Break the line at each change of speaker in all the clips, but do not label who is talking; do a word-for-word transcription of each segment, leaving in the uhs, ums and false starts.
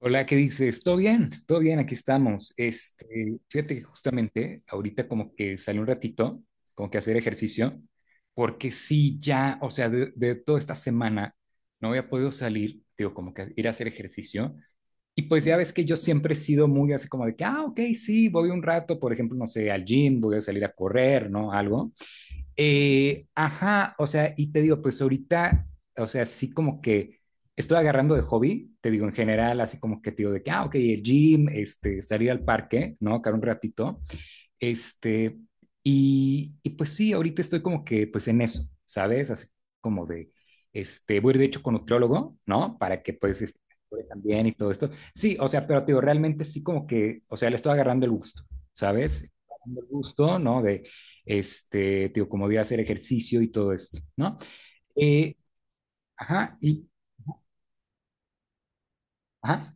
Hola, ¿qué dices? ¿Todo bien? Todo bien, aquí estamos. Este, fíjate que justamente ahorita como que salí un ratito, como que a hacer ejercicio, porque sí, ya, o sea, de, de toda esta semana no había podido salir, digo, como que ir a hacer ejercicio. Y pues ya ves que yo siempre he sido muy así como de que, ah, ok, sí, voy un rato, por ejemplo, no sé, al gym, voy a salir a correr, ¿no? Algo. Eh, ajá, o sea, y te digo, pues ahorita, o sea, sí como que estoy agarrando de hobby, te digo en general, así como que te digo de que, ah, ok, el gym, este, salir al parque, ¿no? Car un ratito, este, y, y pues sí, ahorita estoy como que pues en eso, ¿sabes? Así como de, este, voy a ir de hecho con nutriólogo, ¿no? Para que pues este, mejore también y todo esto. Sí, o sea, pero te digo, realmente sí como que, o sea, le estoy agarrando el gusto, ¿sabes? Agarrando el gusto, ¿no? De, este, te digo, como de hacer ejercicio y todo esto, ¿no? Eh, ajá, y, ajá,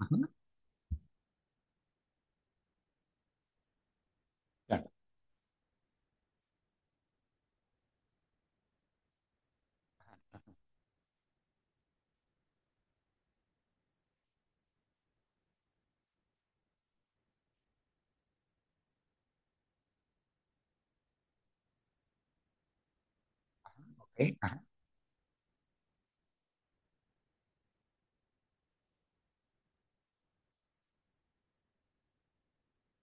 ajá, claro, ok, ajá.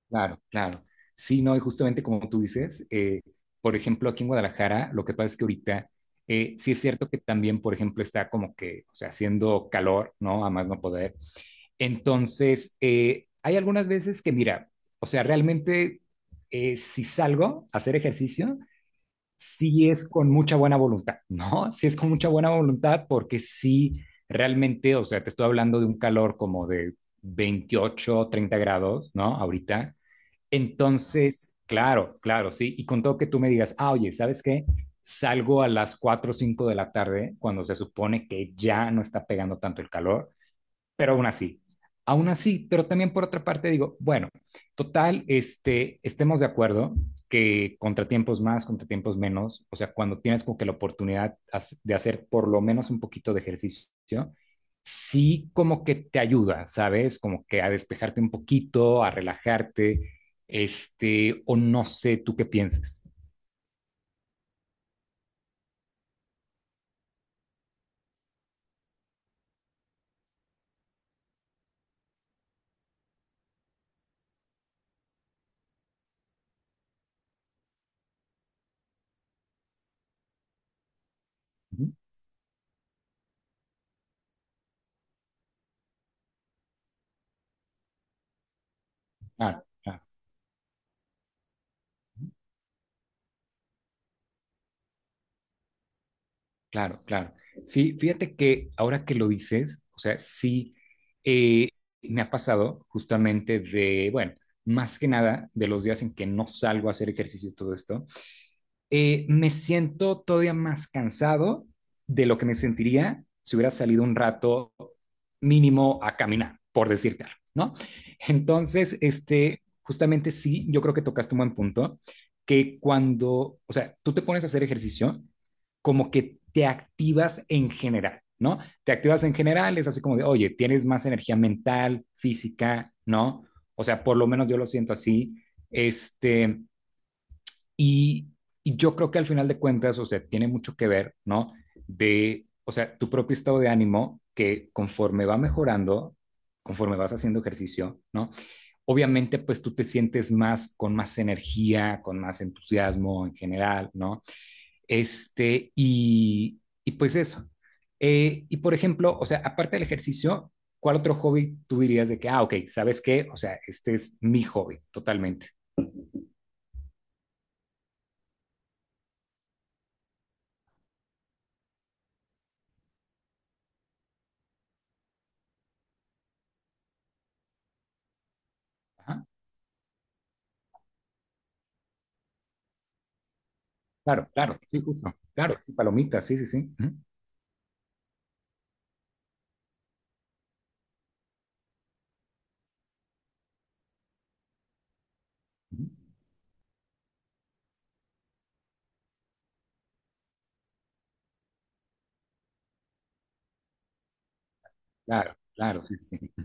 Claro, claro. Sí, no, y justamente como tú dices, eh, por ejemplo, aquí en Guadalajara, lo que pasa es que ahorita eh, sí es cierto que también, por ejemplo, está como que, o sea, haciendo calor, ¿no? A más no poder. Entonces, eh, hay algunas veces que, mira, o sea, realmente eh, si salgo a hacer ejercicio, sí es con mucha buena voluntad, ¿no? Sí es con mucha buena voluntad porque sí, realmente, o sea, te estoy hablando de un calor como de veintiocho, treinta grados, ¿no? Ahorita entonces, claro, claro, sí. Y con todo que tú me digas, ah, oye, ¿sabes qué? Salgo a las cuatro o cinco de la tarde, cuando se supone que ya no está pegando tanto el calor, pero aún así. Aún así, pero también por otra parte digo, bueno, total, este, estemos de acuerdo que contratiempos más, contratiempos menos, o sea, cuando tienes como que la oportunidad de hacer por lo menos un poquito de ejercicio, sí como que te ayuda, ¿sabes? Como que a despejarte un poquito, a relajarte, este, o no sé, tú qué pienses. Ah, ah. Claro, claro. Sí, fíjate que ahora que lo dices, o sea, sí, eh, me ha pasado justamente de, bueno, más que nada de los días en que no salgo a hacer ejercicio y todo esto, eh, me siento todavía más cansado de lo que me sentiría si hubiera salido un rato mínimo a caminar, por decirte algo, ¿no? Entonces, este, justamente sí, yo creo que tocaste un buen punto, que cuando, o sea, tú te pones a hacer ejercicio, como que te activas en general, ¿no? Te activas en general, es así como de, oye, tienes más energía mental, física, ¿no? O sea, por lo menos yo lo siento así, este, y, y yo creo que al final de cuentas, o sea, tiene mucho que ver, ¿no? De, o sea, tu propio estado de ánimo que conforme va mejorando, conforme vas haciendo ejercicio, ¿no? Obviamente, pues tú te sientes más, con más energía, con más entusiasmo en general, ¿no? Este, y, y pues eso. Eh, y por ejemplo, o sea, aparte del ejercicio, ¿cuál otro hobby tú dirías de que, ah, ok, ¿sabes qué? O sea, este es mi hobby, totalmente. Ajá. Claro, claro, sí, justo. Claro, sí, palomitas, sí, sí, sí. Ujú, ujú. Claro, claro, sí, sí, sí.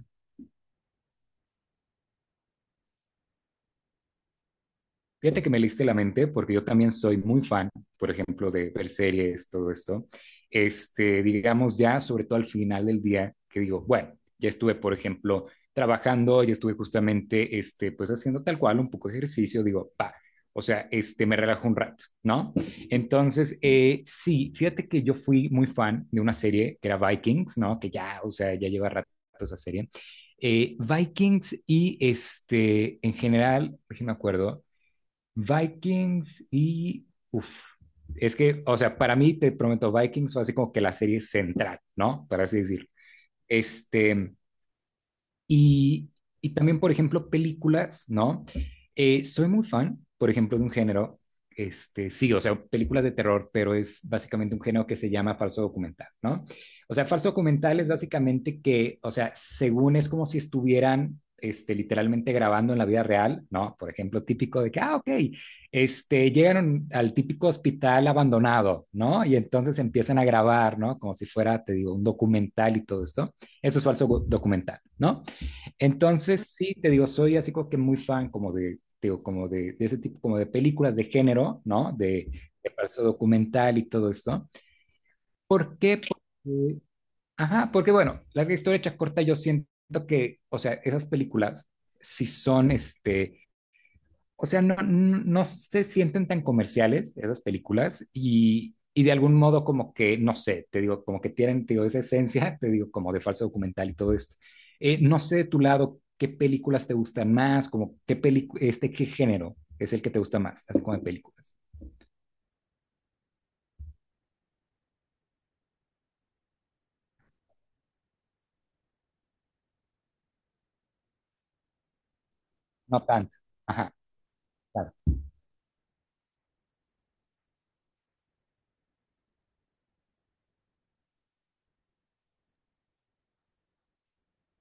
Fíjate que me leíste la mente porque yo también soy muy fan, por ejemplo, de ver series, todo esto. Este, digamos ya, sobre todo al final del día, que digo, bueno, ya estuve, por ejemplo, trabajando, ya estuve justamente, este, pues haciendo tal cual un poco de ejercicio, digo, pa, o sea, este, me relajo un rato, ¿no? Entonces, eh, sí, fíjate que yo fui muy fan de una serie que era Vikings, ¿no? Que ya, o sea, ya lleva rato esa serie. Eh, Vikings y este, en general, no me acuerdo, Vikings y... Uf, es que, o sea, para mí, te prometo, Vikings fue así como que la serie central, ¿no? Para así decir. Este, y, y también, por ejemplo, películas, ¿no? Eh, soy muy fan, por ejemplo, de un género, este, sí, o sea, películas de terror, pero es básicamente un género que se llama falso documental, ¿no? O sea, falso documental es básicamente que, o sea, según es como si estuvieran, este, literalmente grabando en la vida real, ¿no? Por ejemplo, típico de que, ah, ok, este, llegaron al típico hospital abandonado, ¿no? Y entonces empiezan a grabar, ¿no? Como si fuera, te digo, un documental y todo esto. Eso es falso documental, ¿no? Entonces, sí, te digo, soy así como que muy fan como de, te digo, como de, de ese tipo, como de películas de género, ¿no? De, de falso documental y todo esto. ¿Por qué? Porque, ajá, porque bueno, larga historia hecha corta, yo siento que, o sea, esas películas, si son, este, o sea, no, no, no se sienten tan comerciales esas películas y, y de algún modo como que, no sé, te digo, como que tienen, te digo, esa esencia, te digo, como de falso documental y todo esto. Eh, no sé de tu lado qué películas te gustan más, como qué película, este, qué género es el que te gusta más, así como de películas. No tanto. Ajá, claro.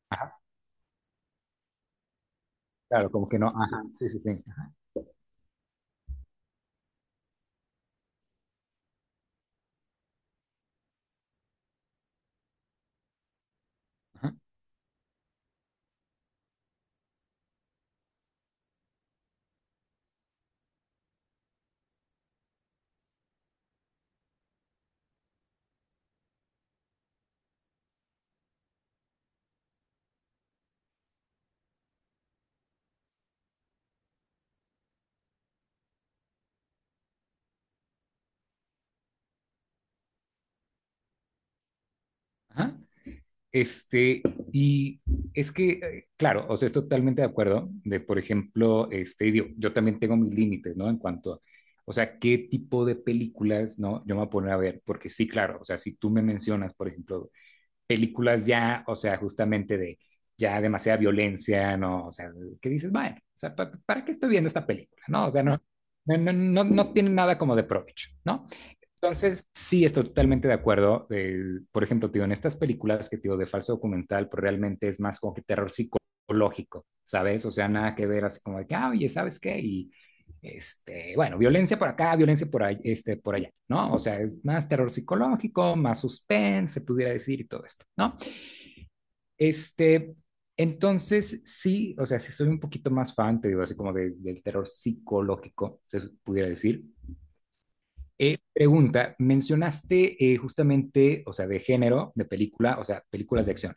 Ajá, claro, como que no. Ajá, sí, sí, sí. Ajá, ajá, ajá. Este, y es que, eh, claro, o sea, estoy totalmente de acuerdo de, por ejemplo, este, digo, yo también tengo mis límites, ¿no? En cuanto a, o sea, qué tipo de películas, ¿no? Yo me voy a poner a ver, porque sí, claro, o sea, si tú me mencionas, por ejemplo, películas ya, o sea, justamente de ya demasiada violencia, ¿no? O sea, que dices, bueno, o sea, pa- ¿para qué estoy viendo esta película, no? O sea, no, no, no, no, no tiene nada como de provecho, ¿no? Entonces, sí, estoy totalmente de acuerdo. Eh, por ejemplo, tío, en estas películas que tío de falso documental, pues realmente es más como que terror psicológico, ¿sabes? O sea, nada que ver así como de que, ah, oye, ¿sabes qué? Y este, bueno, violencia por acá, violencia por, ahí, este, por allá, ¿no? O sea, es más terror psicológico, más suspense, se pudiera decir, y todo esto, ¿no? Este, entonces, sí, o sea, sí soy un poquito más fan, te digo, así como de- del terror psicológico, se pudiera decir. Eh, pregunta, mencionaste eh, justamente, o sea, de género, de película, o sea, películas de acción.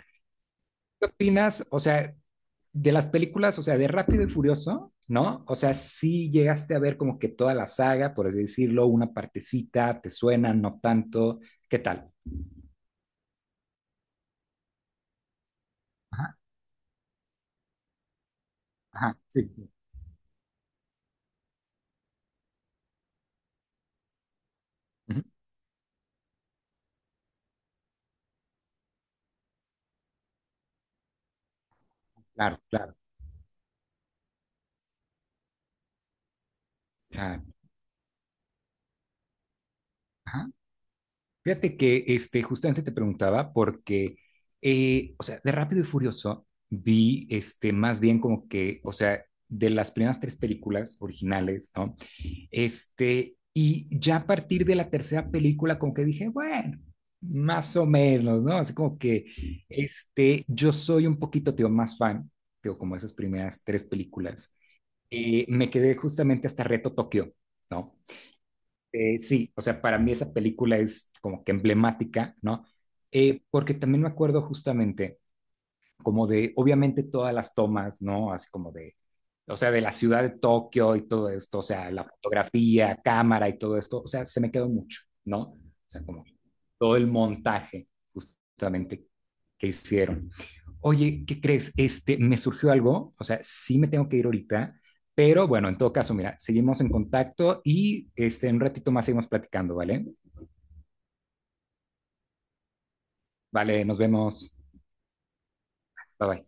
¿Qué opinas, o sea, de las películas, o sea, de Rápido y Furioso, ¿no? O sea, si llegaste a ver como que toda la saga, por así decirlo, una partecita, te suena, no tanto, ¿qué tal? Ajá, ajá, sí, sí. Ujú, claro, claro, claro. Ajá. Fíjate que este, justamente te preguntaba porque, eh, o sea, de Rápido y Furioso vi este, más bien como que, o sea, de las primeras tres películas originales, ¿no? Este, y ya a partir de la tercera película como que dije, bueno, más o menos, ¿no? Así como que, este, yo soy un poquito, tío, más fan, tío, como esas primeras tres películas. Eh, me quedé justamente hasta Reto Tokio, ¿no? Eh, sí, o sea, para mí esa película es como que emblemática, ¿no? Eh, porque también me acuerdo justamente como de, obviamente todas las tomas, ¿no? Así como de, o sea, de la ciudad de Tokio y todo esto, o sea, la fotografía, cámara y todo esto, o sea, se me quedó mucho, ¿no? O sea, como todo el montaje justamente que hicieron. Oye, ¿qué crees? Este, me surgió algo, o sea, sí me tengo que ir ahorita, pero bueno, en todo caso, mira, seguimos en contacto y este, en un ratito más seguimos platicando, ¿vale? Vale, nos vemos. Bye bye.